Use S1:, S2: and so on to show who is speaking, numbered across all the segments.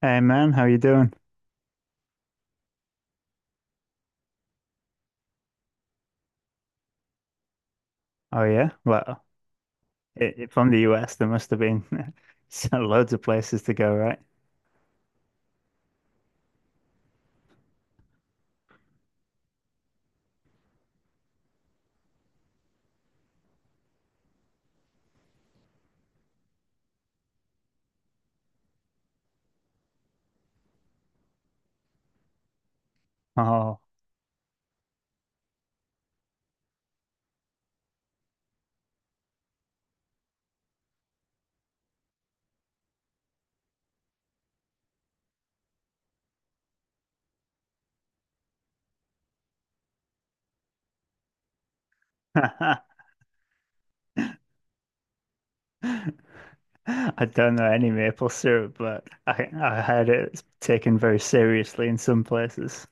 S1: Hey man, how you doing? Oh yeah, well, from the US, there must have been so loads of places to go, right? Oh, I don't know any maple syrup, but I heard it's taken very seriously in some places.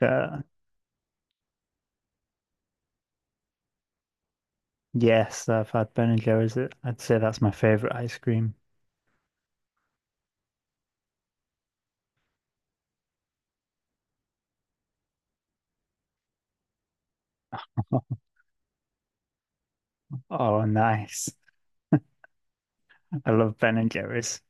S1: Uh, yes, I've had Ben& and Jerry's. I'd say that's my favorite ice cream. Oh, nice! I love Ben& and Jerry's.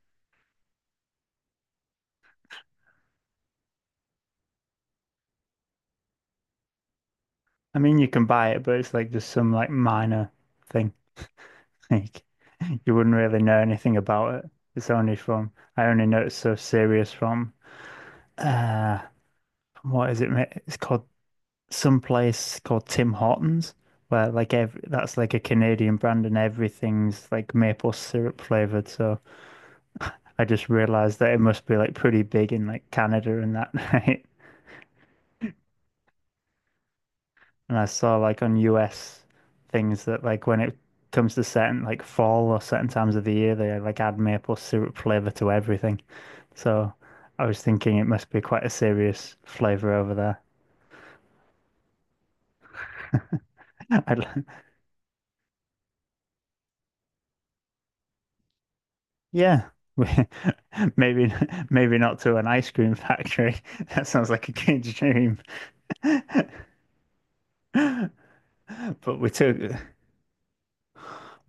S1: I mean, you can buy it, but it's like just some like minor thing. Like you wouldn't really know anything about it. It's only from I only know it's so serious uh from what is it? It's called some place called Tim Hortons, where like every that's like a Canadian brand and everything's like maple syrup flavored. So I just realized that it must be like pretty big in like Canada and that. Right? And I saw like on US things that like when it comes to certain like fall or certain times of the year, they like add maple syrup flavor to everything. So I was thinking it must be quite a serious flavor over there. I'd, l- yeah, maybe maybe not to an ice cream factory. That sounds like a kid's dream. But we took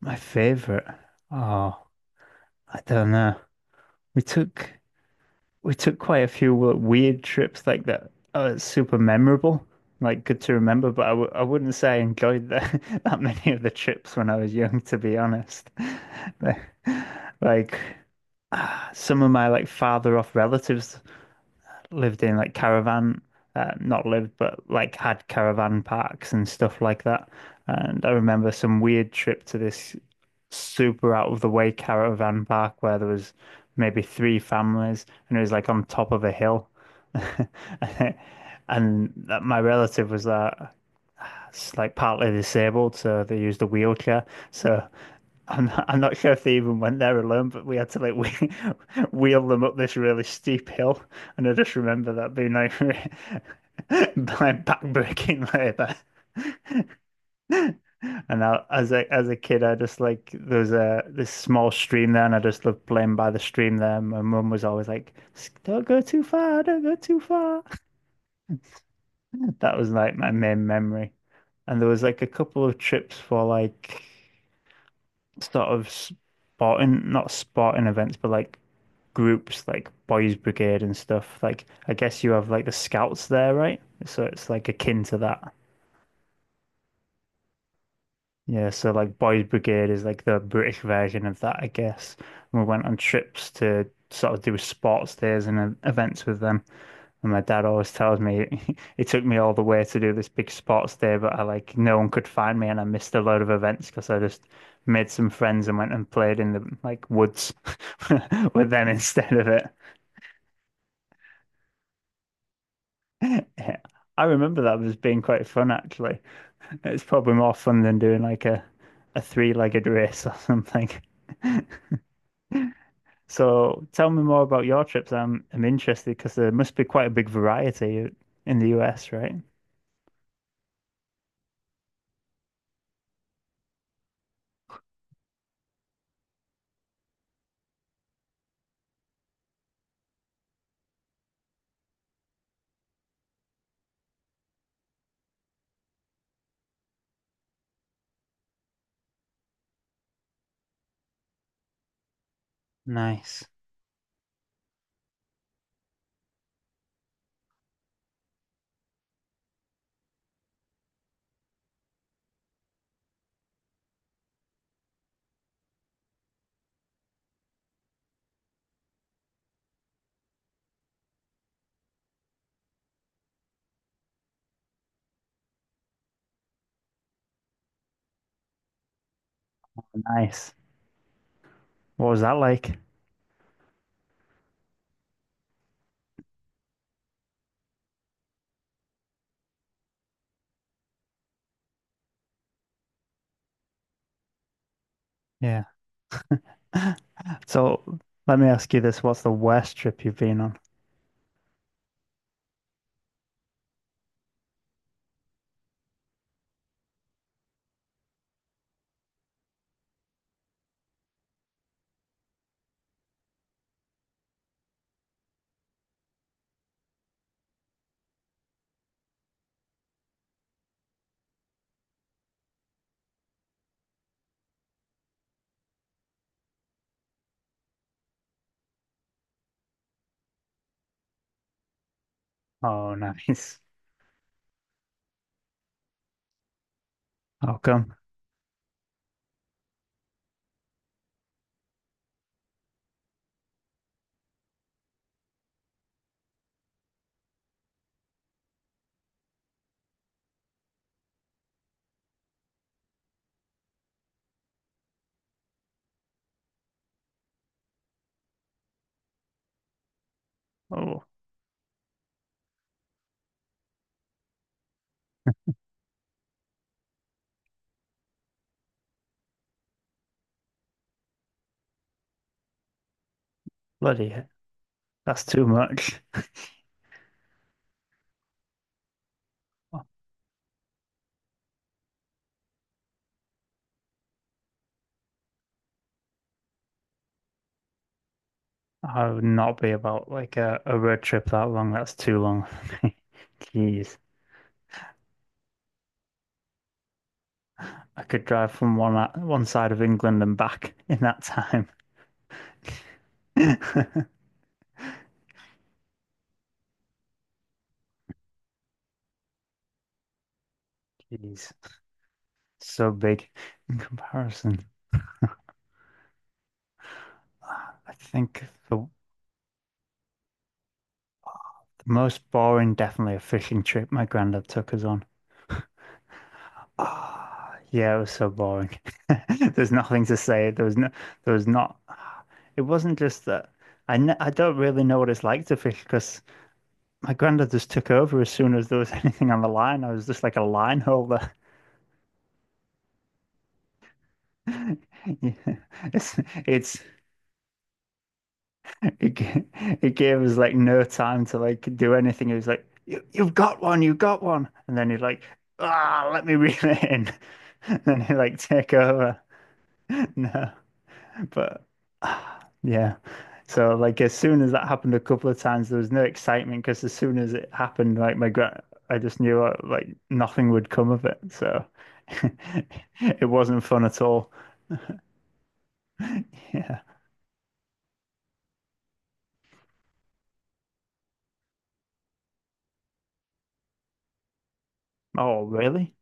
S1: my favorite. Oh, I don't know. We took. We took quite a few like, weird trips like that are super memorable, like good to remember. But I wouldn't say I enjoyed the, that many of the trips when I was young, to be honest. Like, ah, some of my like father off relatives lived in like caravan, not lived, but like had caravan parks and stuff like that. And I remember some weird trip to this super out of the way caravan park where there was maybe three families and it was like on top of a hill. And that my relative was like partly disabled, so they used a wheelchair. So I'm not sure if they even went there alone, but we had to like wheel, wheel them up this really steep hill, and I just remember that being like like backbreaking labour. And I, as a kid, I just like there was a this small stream there, and I just loved playing by the stream there. My mum was always like, "Don't go too far, don't go too far." That was like my main memory. And there was like a couple of trips for like not sporting events, but like groups like Boys Brigade and stuff. Like I guess you have like the scouts there, right? So it's like akin to that. Yeah, so like Boys Brigade is like the British version of that, I guess. And we went on trips to sort of do sports days and events with them. And my dad always tells me it took me all the way to do this big sports day, but I like no one could find me and I missed a load of events because I just made some friends and went and played in the like woods with them instead of it. I remember that was being quite fun, actually. It's probably more fun than doing like a three-legged race or something. So tell me more about your trips. I'm interested because there must be quite a big variety in the US, right? Nice. Nice. What was that like? Yeah. So let me ask you this. What's the worst trip you've been on? Oh, nice. How come? Oh, bloody heck. That's too much. I would not be about like a road trip that long. That's too long for me. Jeez. I could drive from one side of England and back in that time. Jeez. So big in comparison. Ah, I think the most boring, definitely a fishing trip my granddad took us on. Ah, yeah, it was so boring. There's nothing to say. There was not. It wasn't just that. I don't really know what it's like to fish because my granddad just took over as soon as there was anything on the line. I was just like a line holder. Yeah. It's it's it, it gave us like no time to like do anything. He was like, you've got one," and then he'd like, "Ah, let me reel it in," and then he'd like take over. No. But ah, yeah, so like as soon as that happened a couple of times, there was no excitement because as soon as it happened, I just knew like nothing would come of it. So it wasn't fun at all. Yeah. Oh, really?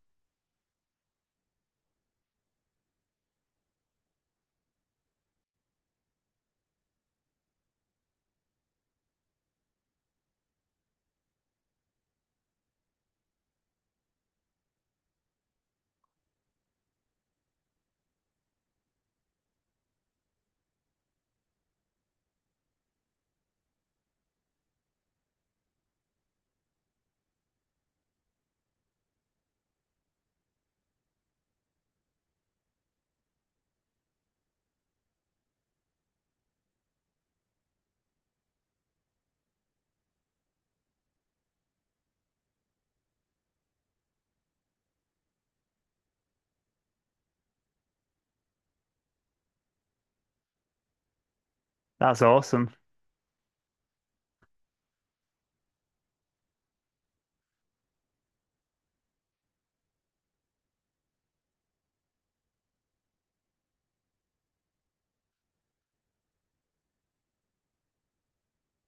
S1: That's awesome.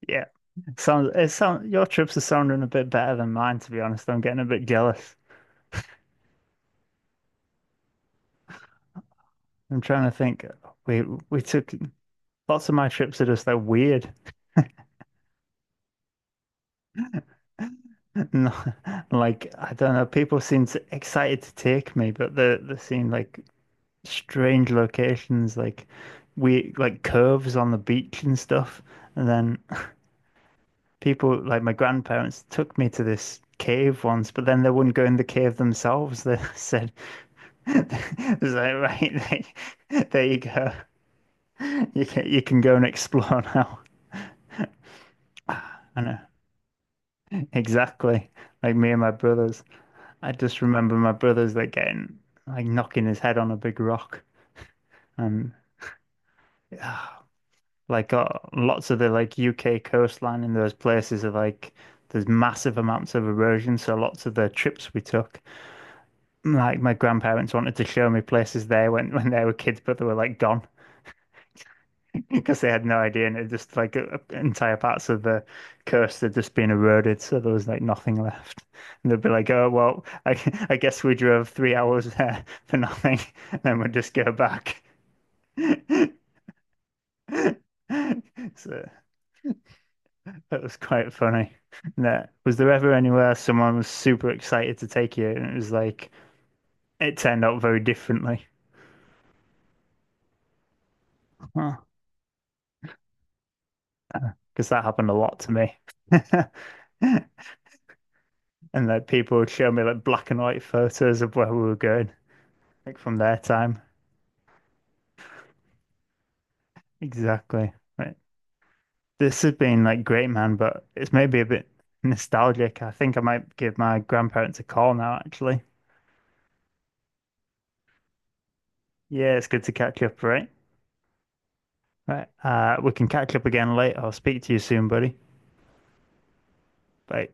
S1: Yeah. Sounds it sound your trips are sounding a bit better than mine, to be honest. I'm getting a bit jealous. I'm trying to think. We we took lots of my trips are just like weird. No, like I don't know. Excited to take me, but they seem like strange locations, like we like curves on the beach and stuff. And then people like my grandparents took me to this cave once, but then they wouldn't go in the cave themselves. They said, "It was like, right, there you go. You can go and explore now." I know exactly. Like me and my brothers. I just remember my brother's like getting like knocking his head on a big rock and ah, like uh, lots of the like UK coastline in those places are like there's massive amounts of erosion. So lots of the trips we took, like my grandparents wanted to show me places they went when they were kids, but they were like gone, because they had no idea, and it just like entire parts of the coast had just been eroded, so there was like nothing left. And they'd be like, "I guess we drove 3 hours there for nothing, and then we'd just go back." So that was quite funny. And That was there ever anywhere someone was super excited to take you, and it was like it turned out very differently. Because that happened a lot to me. And like people would show me like black and white photos of where we were going. Like from their time. Exactly. Right. This has been like great, man, but it's maybe a bit nostalgic. I think I might give my grandparents a call now, actually. Yeah, it's good to catch up, right? Right. We can catch up again later. I'll speak to you soon, buddy. Bye.